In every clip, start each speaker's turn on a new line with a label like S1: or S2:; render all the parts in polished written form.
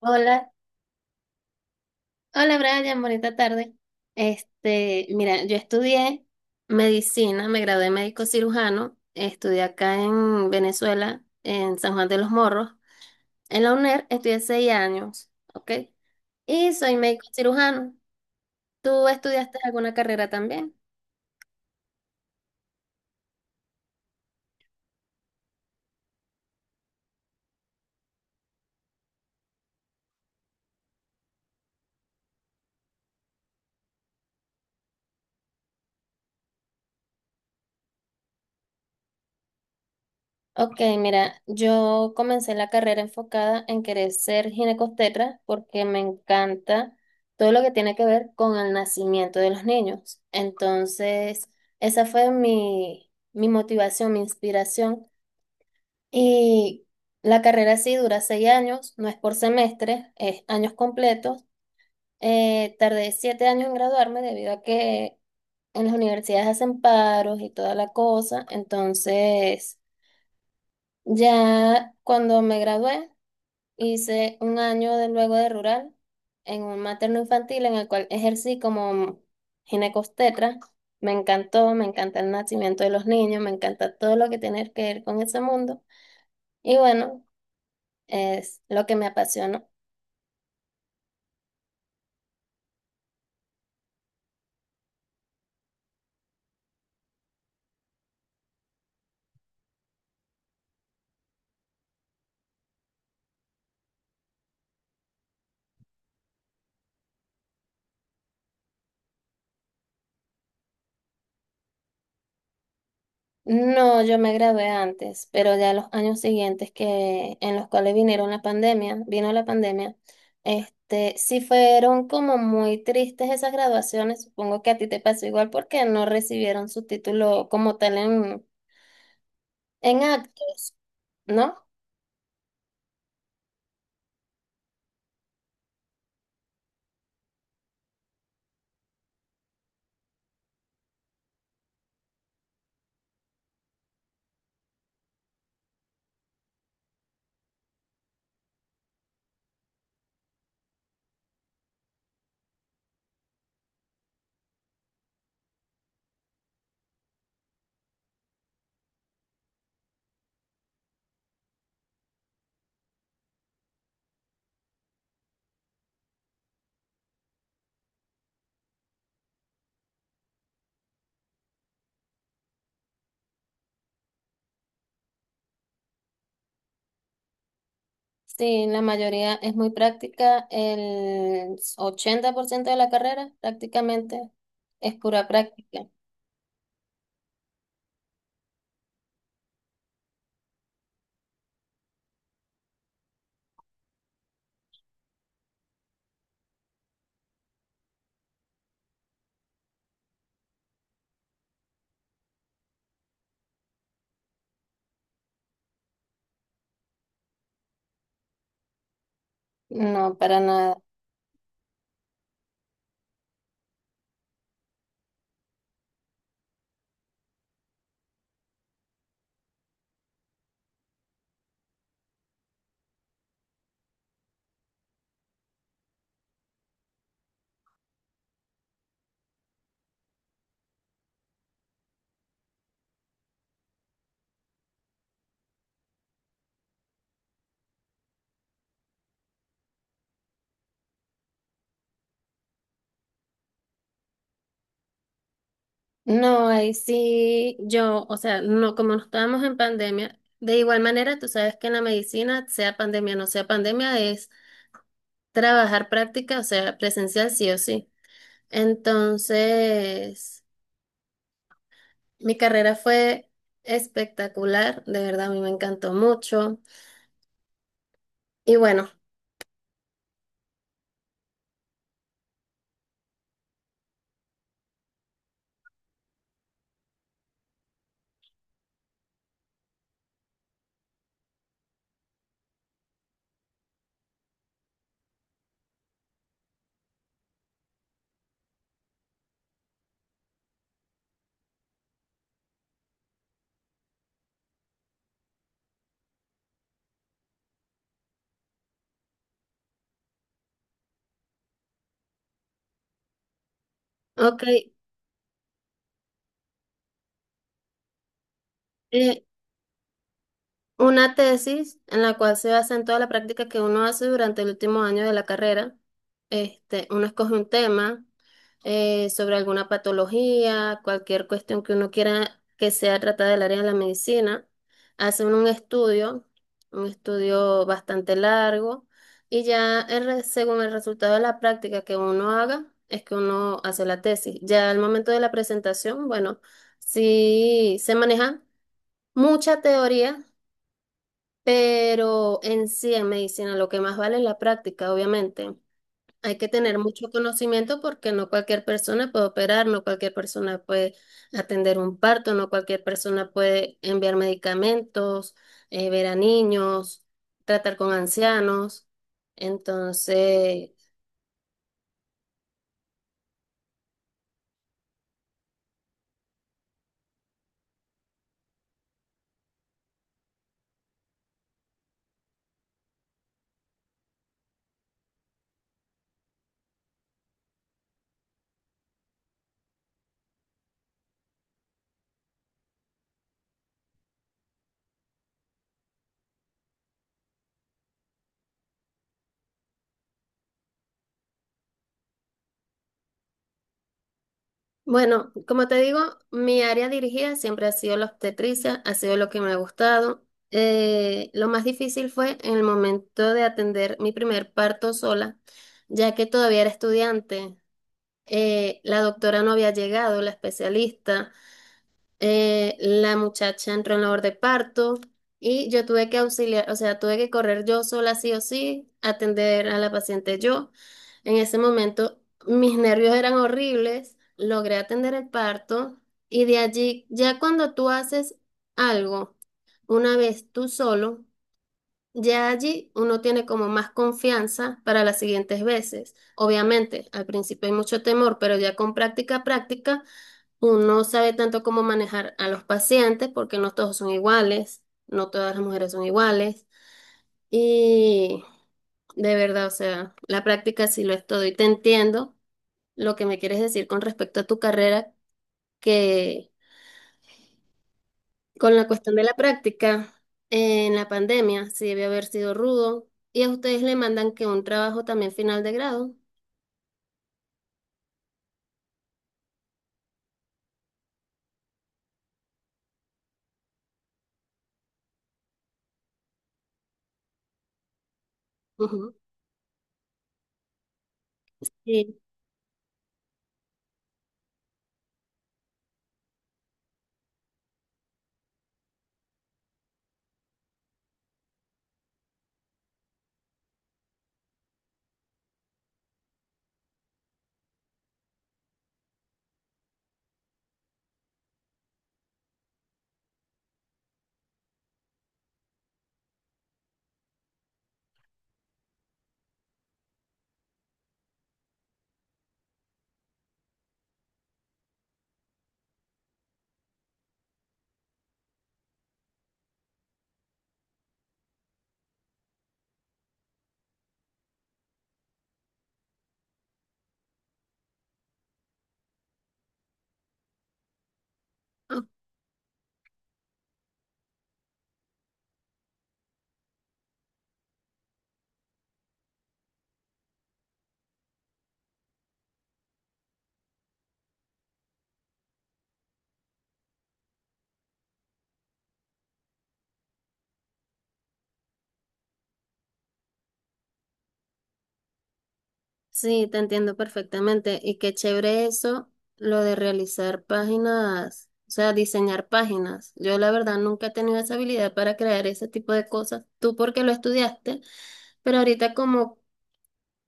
S1: Hola, hola Brian, bonita tarde. Mira, yo estudié medicina, me gradué de médico cirujano, estudié acá en Venezuela, en San Juan de los Morros. En la UNER estudié 6 años, ¿ok? Y soy médico cirujano. ¿Tú estudiaste alguna carrera también? Ok, mira, yo comencé la carrera enfocada en querer ser ginecostetra porque me encanta todo lo que tiene que ver con el nacimiento de los niños. Entonces, esa fue mi motivación, mi inspiración. Y la carrera sí dura 6 años, no es por semestre, es años completos. Tardé 7 años en graduarme debido a que en las universidades hacen paros y toda la cosa. Entonces, ya cuando me gradué, hice un año de luego de rural en un materno infantil en el cual ejercí como ginecostetra. Me encantó, me encanta el nacimiento de los niños, me encanta todo lo que tiene que ver con ese mundo. Y bueno, es lo que me apasiona. No, yo me gradué antes, pero ya los años siguientes que en los cuales vinieron la pandemia, vino la pandemia, sí fueron como muy tristes esas graduaciones. Supongo que a ti te pasó igual porque no recibieron su título como tal en actos, ¿no? Sí, la mayoría es muy práctica, el 80% de la carrera prácticamente es pura práctica. No, para nada. No, ahí sí, yo, o sea, no, como no estábamos en pandemia, de igual manera, tú sabes que en la medicina, sea pandemia o no sea pandemia, es trabajar práctica, o sea, presencial sí o sí. Entonces, mi carrera fue espectacular, de verdad, a mí me encantó mucho. Y bueno, ok, eh, una tesis en la cual se basa en toda la práctica que uno hace durante el último año de la carrera. Uno escoge un tema sobre alguna patología, cualquier cuestión que uno quiera que sea tratada del área de la medicina. Hace uno un estudio bastante largo, y ya según el resultado de la práctica que uno haga, es que uno hace la tesis. Ya al momento de la presentación, bueno, sí se maneja mucha teoría, pero en sí, en medicina, lo que más vale es la práctica, obviamente. Hay que tener mucho conocimiento porque no cualquier persona puede operar, no cualquier persona puede atender un parto, no cualquier persona puede enviar medicamentos, ver a niños, tratar con ancianos. Entonces, bueno, como te digo, mi área dirigida siempre ha sido la obstetricia, ha sido lo que me ha gustado. Lo más difícil fue en el momento de atender mi primer parto sola, ya que todavía era estudiante. La doctora no había llegado, la especialista, la muchacha entró en labor de parto y yo tuve que auxiliar, o sea, tuve que correr yo sola sí o sí, atender a la paciente yo. En ese momento mis nervios eran horribles, logré atender el parto y de allí, ya cuando tú haces algo una vez tú solo, ya allí uno tiene como más confianza para las siguientes veces. Obviamente, al principio hay mucho temor, pero ya con práctica, práctica, uno sabe tanto cómo manejar a los pacientes porque no todos son iguales, no todas las mujeres son iguales. Y de verdad, o sea, la práctica sí lo es todo y te entiendo lo que me quieres decir con respecto a tu carrera, que... Con la cuestión de la práctica, en la pandemia sí debe haber sido rudo. Y a ustedes le mandan que un trabajo también final de grado. Ujú. Sí. Ah, sí, te entiendo perfectamente. Y qué chévere eso, lo de realizar páginas, o sea, diseñar páginas. Yo la verdad nunca he tenido esa habilidad para crear ese tipo de cosas. Tú porque lo estudiaste, pero ahorita como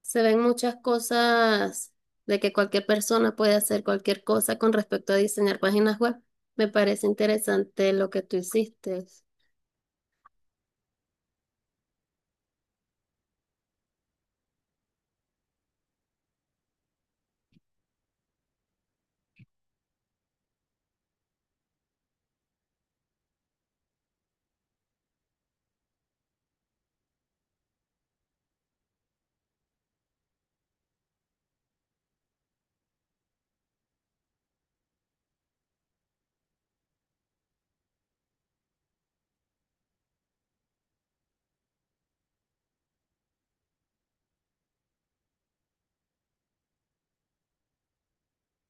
S1: se ven muchas cosas de que cualquier persona puede hacer cualquier cosa con respecto a diseñar páginas web. Me parece interesante lo que tú hiciste.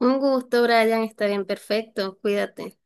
S1: Un gusto, Brian. Está bien, perfecto. Cuídate.